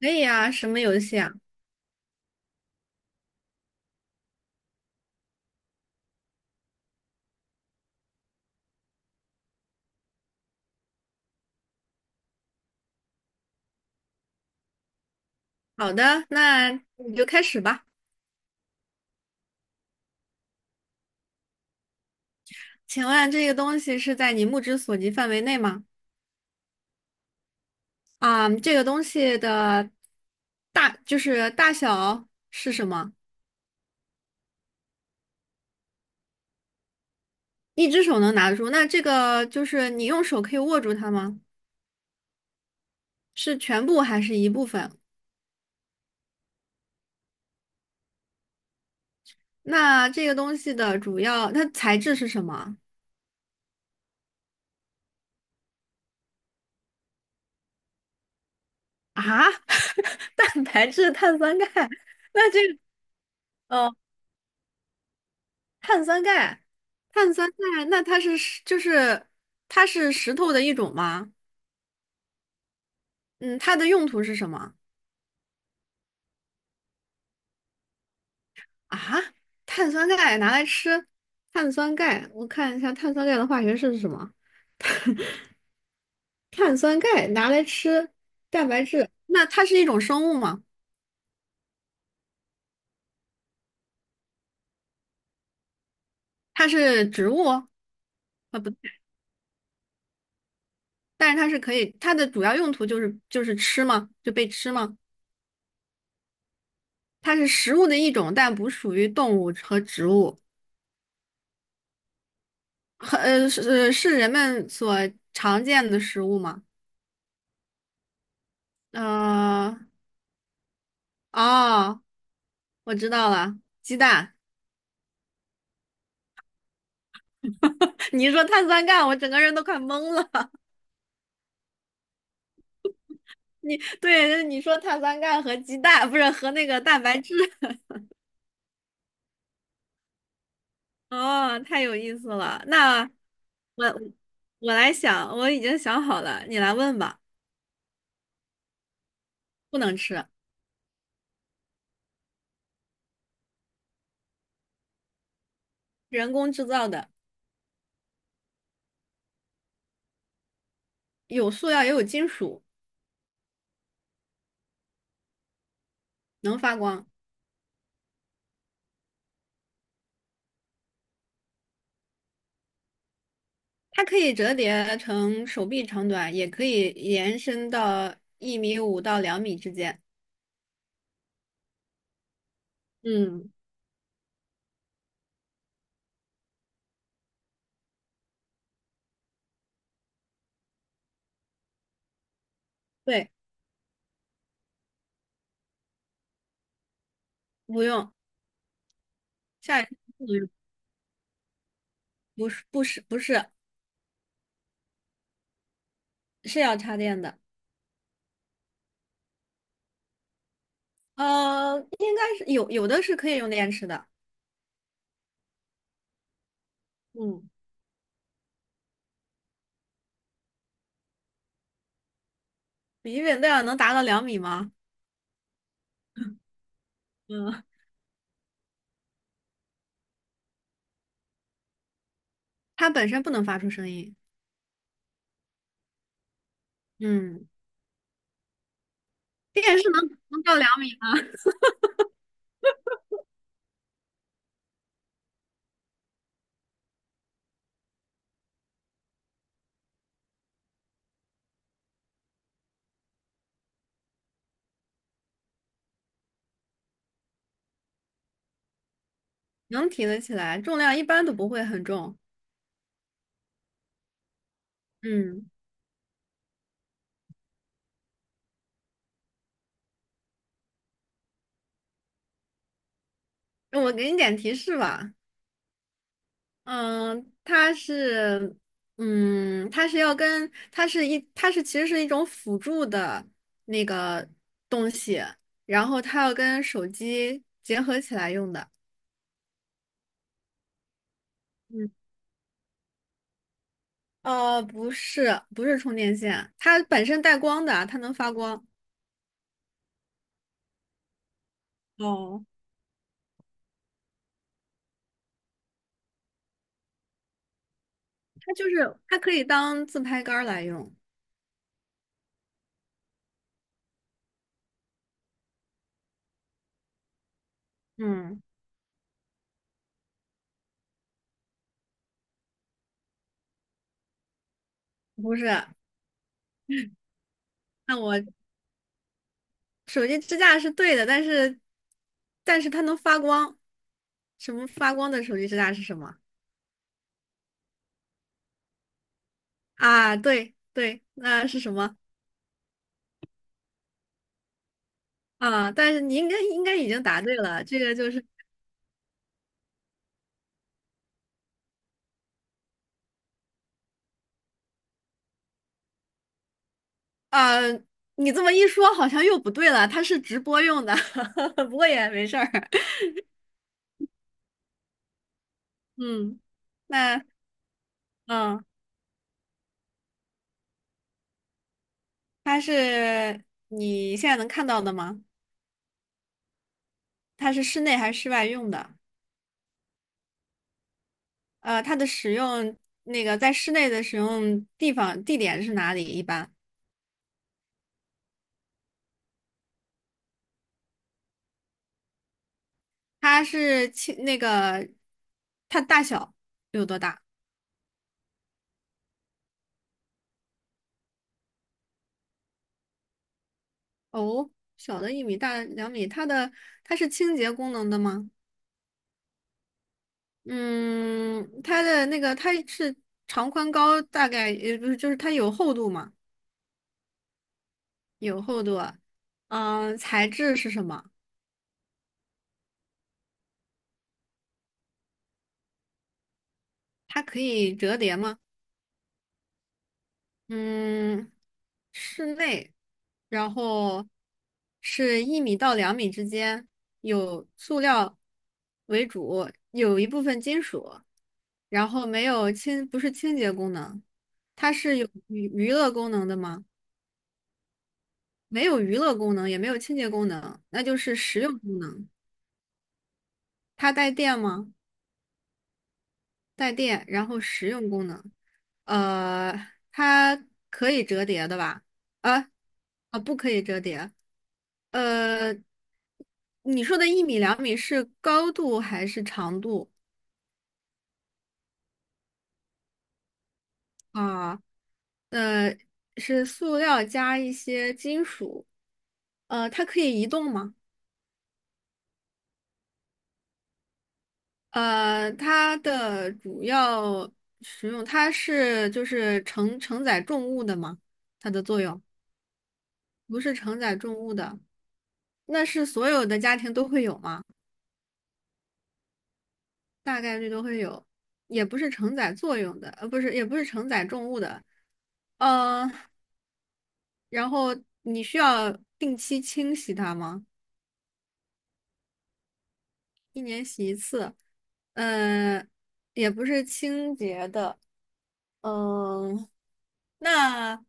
可以啊，什么游戏啊？好的，那你就开始吧。请问这个东西是在你目之所及范围内吗？这个东西的大小是什么？一只手能拿得住？那这个就是你用手可以握住它吗？是全部还是一部分？那这个东西的主要它材质是什么啊？蛋白质、碳酸钙？那这个。哦碳酸钙，碳酸钙，那它是石头的一种吗？嗯，它的用途是什么啊？碳酸钙拿来吃，碳酸钙，我看一下碳酸钙的化学式是什么？碳酸钙拿来吃蛋白质，那它是一种生物吗？它是植物哦？啊，不对，但是它是可以，它的主要用途就是吃吗？就被吃吗？它是食物的一种，但不属于动物和植物。是人们所常见的食物吗？呃，哦，我知道了，鸡蛋。你一说碳酸钙，我整个人都快懵了。你对，你说碳酸钙和鸡蛋，不是和那个蛋白质。哦，太有意思了。那我我来想，我已经想好了，你来问吧。不能吃，人工制造的，有塑料也有金属，能发光。它可以折叠成手臂长短，也可以延伸到一米五到两米之间。嗯，对，不用，不能用，不是。是要插电的，应该有的是可以用电池的，嗯笔记本电脑能达到两米吗？嗯，它本身不能发出声音，嗯，电视能到两米吗？能提得起来，重量一般都不会很重，嗯，那我给你点提示吧，嗯，嗯，它其实是一种辅助的那个东西，然后它要跟手机结合起来用的。嗯，呃，不是充电线，它本身带光的，它能发光。哦，它就是它可以当自拍杆儿来用。嗯，不是，那我手机支架是对的，但是，但是它能发光。什么发光的手机支架是什么？啊，对对，那是什么啊？但是你应该已经答对了，这个就是啊，你这么一说好像又不对了，它是直播用的，不过也没事儿。嗯，那嗯，它是你现在能看到的吗？它是室内还是室外用的？呃，它的使用那个在室内的使用地点是哪里？一般它是轻那个它大小有多大？哦，小的一米，大的两米，它是清洁功能的吗？嗯，它的那个长宽高大概也不是，就是它有厚度吗？有厚度啊。嗯，材质是什么？它可以折叠吗？嗯，室内，然后是一米到两米之间，有塑料为主，有一部分金属。然后没有清，不是清洁功能，它是有娱乐功能的吗？没有娱乐功能，也没有清洁功能，那就是实用功能。它带电吗？带电，然后实用功能，呃，它可以折叠的吧？啊啊，不可以折叠。呃，你说的一米两米是高度还是长度啊？呃，是塑料加一些金属，呃，它可以移动吗？呃，它的主要使用，它是就是承载重物的吗？它的作用不是承载重物的，那是所有的家庭都会有吗？大概率都会有，也不是承载作用的，呃，不是，也不是承载重物的，呃，然后你需要定期清洗它吗？一年洗一次，嗯，也不是清洁的，嗯，那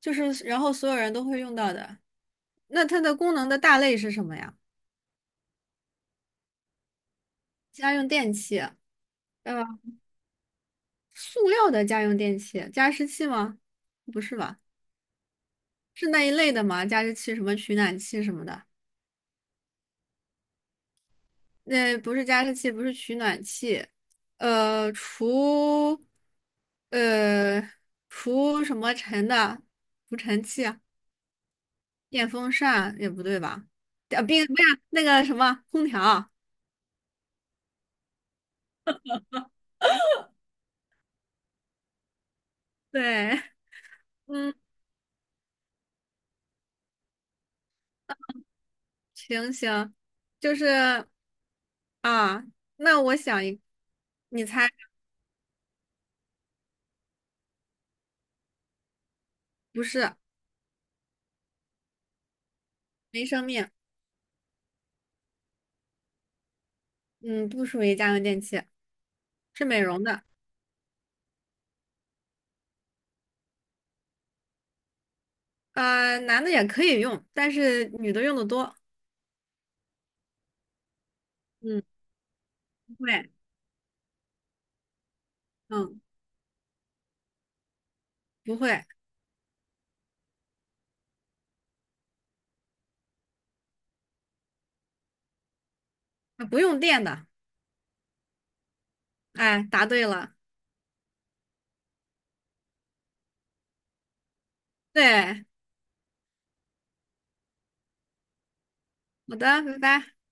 就是然后所有人都会用到的。那它的功能的大类是什么呀？家用电器，呃，塑料的家用电器，加湿器吗？不是吧？是那一类的吗？加湿器、什么取暖器什么的？那不是加湿器，不是取暖器，呃，除呃除什么尘的除尘器。电风扇也不对吧？啊，冰不是那个什么空调，对，嗯，行行，就是啊，那我想一，你猜不是没生命，嗯，不属于家用电器，是美容的，呃，男的也可以用，但是女的用的多，嗯，不会，嗯，不会，啊不用电的，哎，答对了，对，好的，拜拜。